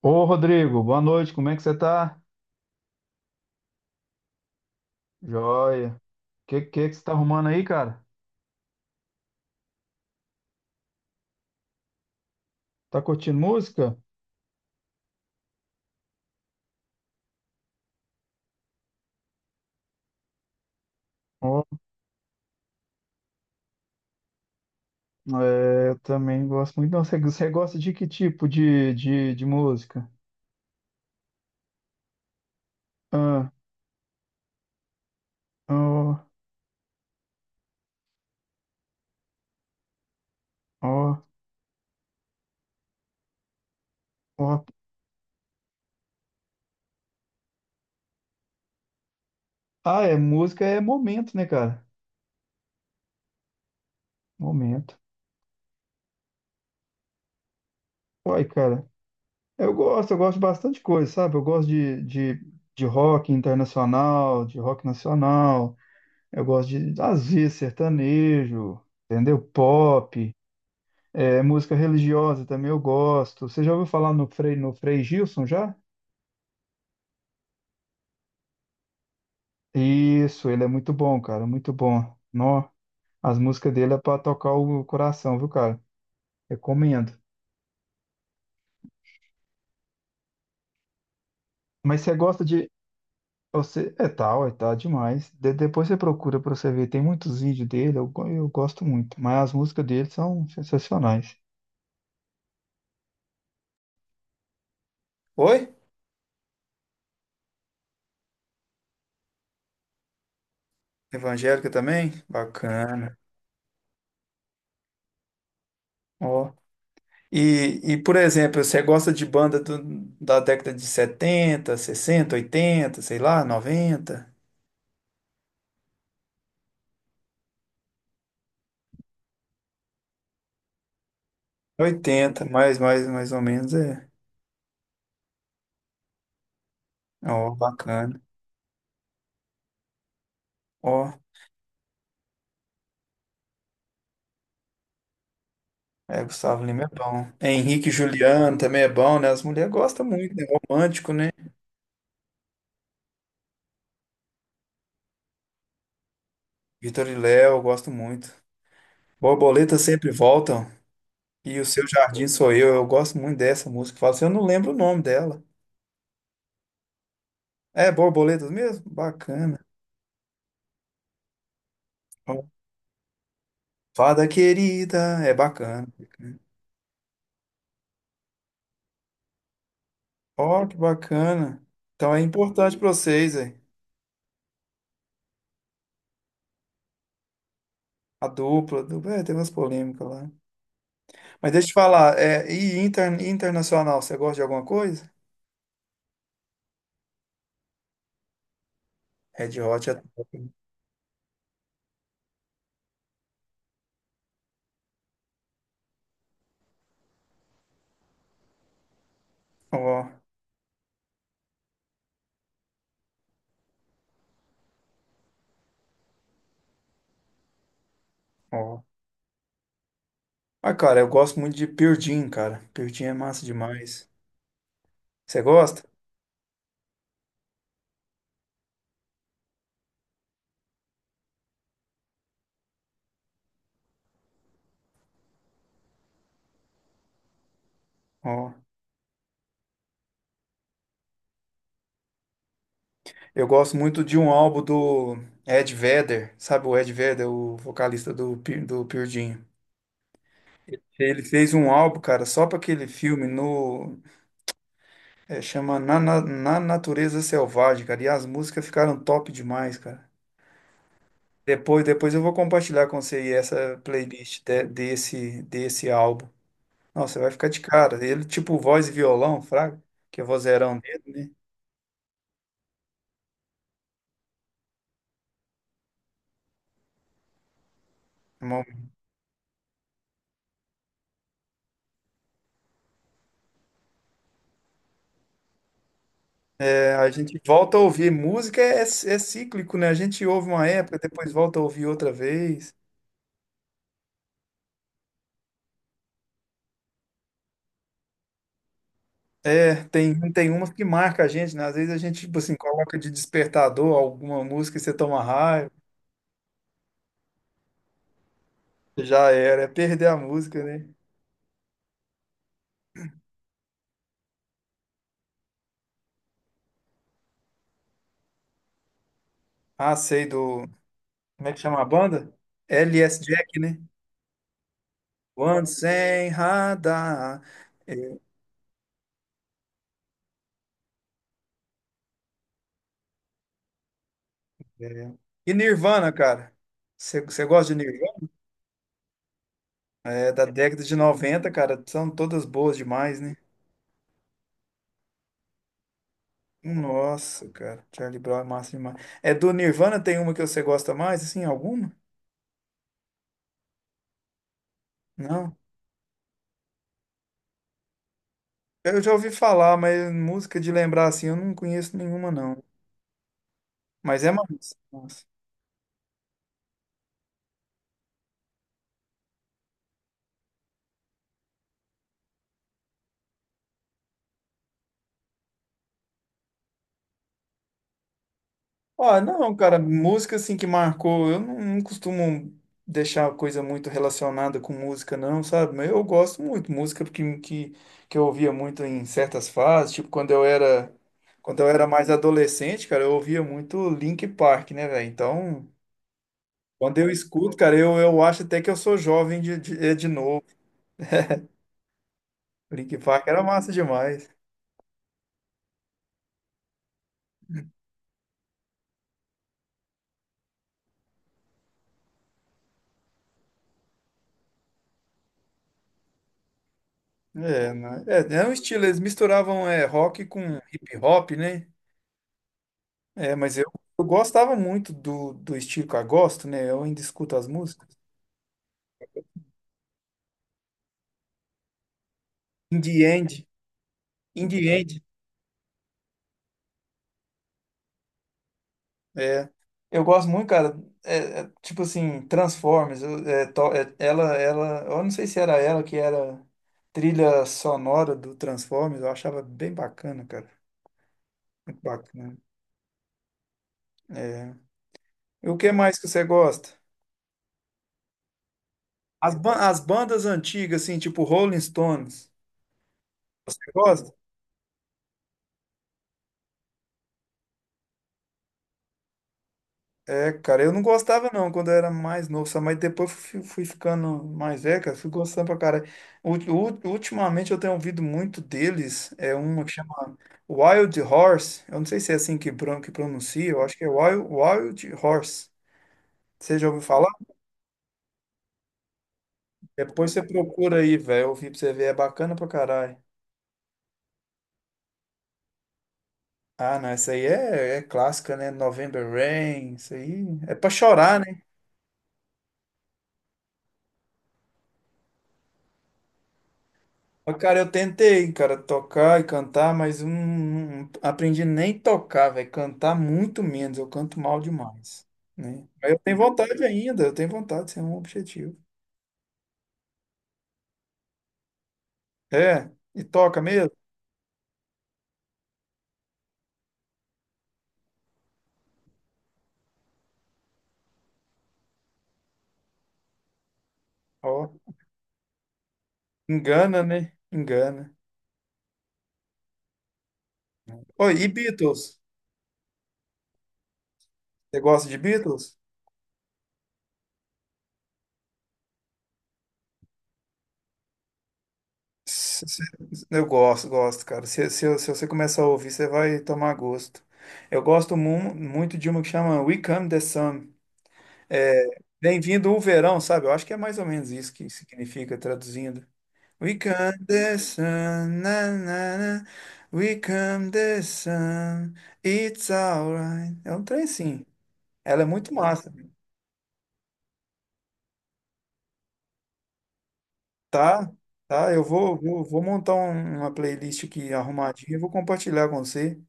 Ô Rodrigo, boa noite, como é que você tá? Joia. Que que você tá arrumando aí, cara? Tá curtindo música? Ó, é, eu também gosto muito. Não, você gosta de que tipo de música? Ah, ó, ó, ó. Ah, é, música é momento, né, cara? Momento. Uai, cara, eu gosto de bastante coisa, sabe? Eu gosto de rock internacional, de rock nacional, eu gosto de, às vezes, sertanejo, entendeu? Pop. É, música religiosa também eu gosto. Você já ouviu falar no Frei Gilson já? Isso, ele é muito bom, cara, muito bom. Nó, as músicas dele é pra tocar o coração, viu, cara? Recomendo. Mas você gosta de. Você, é tal demais. Depois você procura pra você ver, tem muitos vídeos dele, eu, eu gosto muito. Mas as músicas dele são sensacionais. Oi? Evangélica também? Bacana. Ó. E, e, por exemplo, você gosta de banda da década de 70, 60, 80, sei lá, noventa, oitenta, mais ou menos é. Ó, bacana. Ó, é, Gustavo Lima é bom. É, Henrique e Juliano também é bom, né? As mulheres gostam muito, né? Romântico, né? Vitor e Léo, eu gosto muito. Borboletas sempre voltam. E o Seu Jardim Sou eu gosto muito dessa música. Fala assim, eu não lembro o nome dela. É Borboletas mesmo? Bacana. Ó, Fada Querida, é bacana. Ó, que bacana. Então é importante para vocês, é. A dupla, é, tem umas polêmicas lá. Mas deixa eu te falar, é, e internacional, você gosta de alguma coisa? Red Hot é top. Ó, ó. Ah, cara, eu gosto muito de Pearl Jam, cara. Pearl Jam é massa demais. Você gosta? Ó. Eu gosto muito de um álbum do Ed Vedder, sabe o Ed Vedder, o vocalista do Pearl Jam. Ele fez um álbum, cara, só para aquele filme no É, chama Na Natureza Selvagem, cara. E as músicas ficaram top demais, cara. Depois eu vou compartilhar com você aí essa playlist desse álbum. Nossa, você vai ficar de cara. Ele, tipo, voz e violão, fraga, que é vozeirão dele, né? Irmão, é, a gente volta a ouvir. Música é cíclico, né? A gente ouve uma época, depois volta a ouvir outra vez. É, tem umas que marca a gente, né? Às vezes a gente, tipo assim, coloca de despertador alguma música e você toma raiva. Já era, é perder a música, né? Ah, sei do. Como é que chama a banda? LS Jack, né? One Sem Radar. É, é. E Nirvana, cara. Você gosta de Nirvana? É da década de 90, cara. São todas boas demais, né? Nossa, cara. Charlie Brown é massa demais. É do Nirvana, tem uma que você gosta mais, assim, alguma? Não. Eu já ouvi falar, mas música de lembrar, assim, eu não conheço nenhuma, não. Mas é massa. Massa. Ah, não, cara, música assim que marcou, eu não costumo deixar coisa muito relacionada com música, não, sabe? Mas eu gosto muito, música que eu ouvia muito em certas fases, tipo quando eu era mais adolescente, cara, eu ouvia muito Linkin Park, né, velho? Então, quando eu escuto, cara, eu acho até que eu sou jovem de novo. Linkin Park era massa demais. É, né? É, é um estilo, eles misturavam é, rock com hip hop, né? É, mas eu gostava muito do estilo que eu gosto, né? Eu ainda escuto as músicas. Indie End. Indie End. É. Eu gosto muito, cara. É, é, tipo assim, Transformers. Ela. Eu não sei se era ela que era trilha sonora do Transformers. Eu achava bem bacana, cara. Muito bacana. É. E o que mais que você gosta? As, as bandas antigas, assim, tipo Rolling Stones. Você gosta? É, cara, eu não gostava não quando eu era mais novo, sabe? Mas depois fui ficando mais velho, cara, fui gostando pra cara. Ultimamente eu tenho ouvido muito deles, é uma que chama Wild Horse, eu não sei se é assim que, que pronuncia, eu acho que é Wild Horse. Você já ouviu falar? Depois você procura aí, velho, ouvir pra você ver, é bacana pra caralho. Ah, não, essa aí é, é clássica, né? November Rain, isso aí é pra chorar, né? Ó, cara, eu tentei, cara, tocar e cantar, mas não aprendi nem tocar, velho. Cantar muito menos, eu canto mal demais, né? Mas eu tenho vontade ainda, eu tenho vontade, isso é um objetivo. É, e toca mesmo? Ó, engana, né? Engana. Oi, e Beatles? Você gosta de Beatles? Se- se- Eu gosto, gosto, cara. Se você começar a ouvir, você vai tomar gosto. Eu gosto muito de uma que chama We Come the Sun. Bem-vindo o verão, sabe? Eu acho que é mais ou menos isso que significa traduzindo. We come the sun, na. We come the sun, it's alright. É um trem sim. Ela é muito massa. Tá? Tá? Eu vou montar uma playlist aqui arrumadinha e vou compartilhar com você.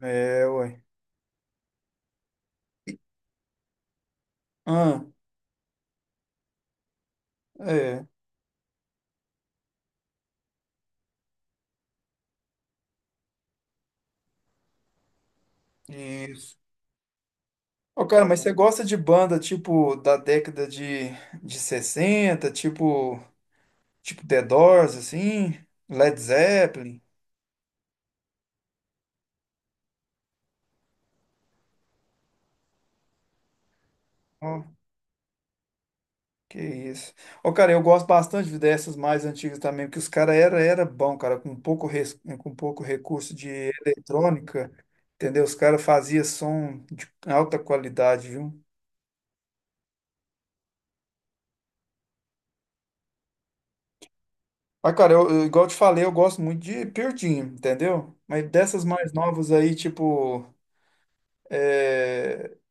É, ué. Ah, é. Isso. Ô, cara, mas você gosta de banda tipo da década de 60 tipo. Tipo The Doors, assim, Led Zeppelin. Ó, que isso. Ô, cara, eu gosto bastante dessas mais antigas também, porque os caras era, era bom, cara, com pouco, com pouco recurso de eletrônica, entendeu? Os caras faziam som de alta qualidade, viu? Mas, cara, igual eu te falei, eu gosto muito de Pearl Jam, entendeu? Mas dessas mais novas aí, tipo eh,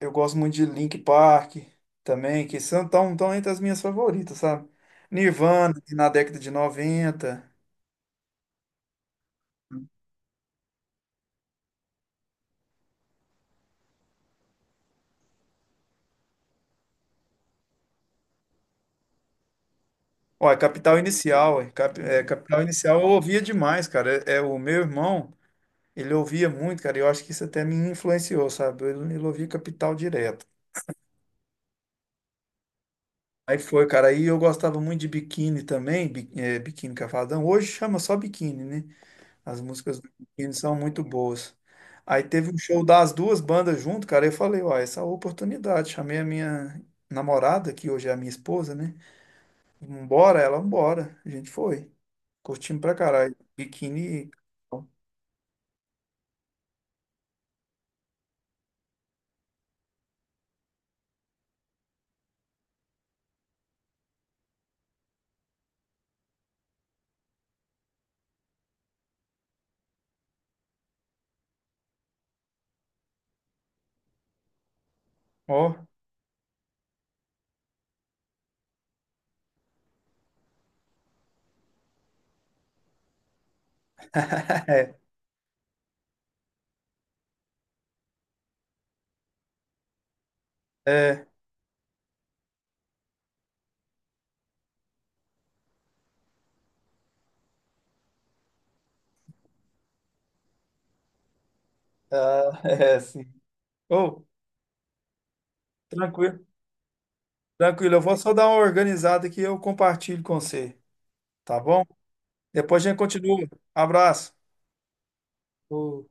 eu gosto muito de Linkin Park também, que são tão entre as minhas favoritas, sabe? Nirvana, que na década de 90 Ó, é Capital Inicial, é, Capital Inicial eu ouvia demais, cara. É, é o meu irmão, ele ouvia muito, cara, e eu acho que isso até me influenciou, sabe? Ele ouvia Capital direto. Aí foi, cara, aí eu gostava muito de Biquíni também, Biquíni Cavadão. Hoje chama só Biquíni, né? As músicas do Kikini são muito boas. Aí teve um show das duas bandas junto, cara. Eu falei, ó, essa é a oportunidade. Chamei a minha namorada, que hoje é a minha esposa, né? Vambora, ela, vambora. A gente foi. Curtimos pra caralho. Biquíni, ó. É, é, ah, é, sim. Ô, tranquilo, tranquilo. Eu vou só dar uma organizada que eu compartilho com você, tá bom? Depois a gente continua. Abraço. Ô.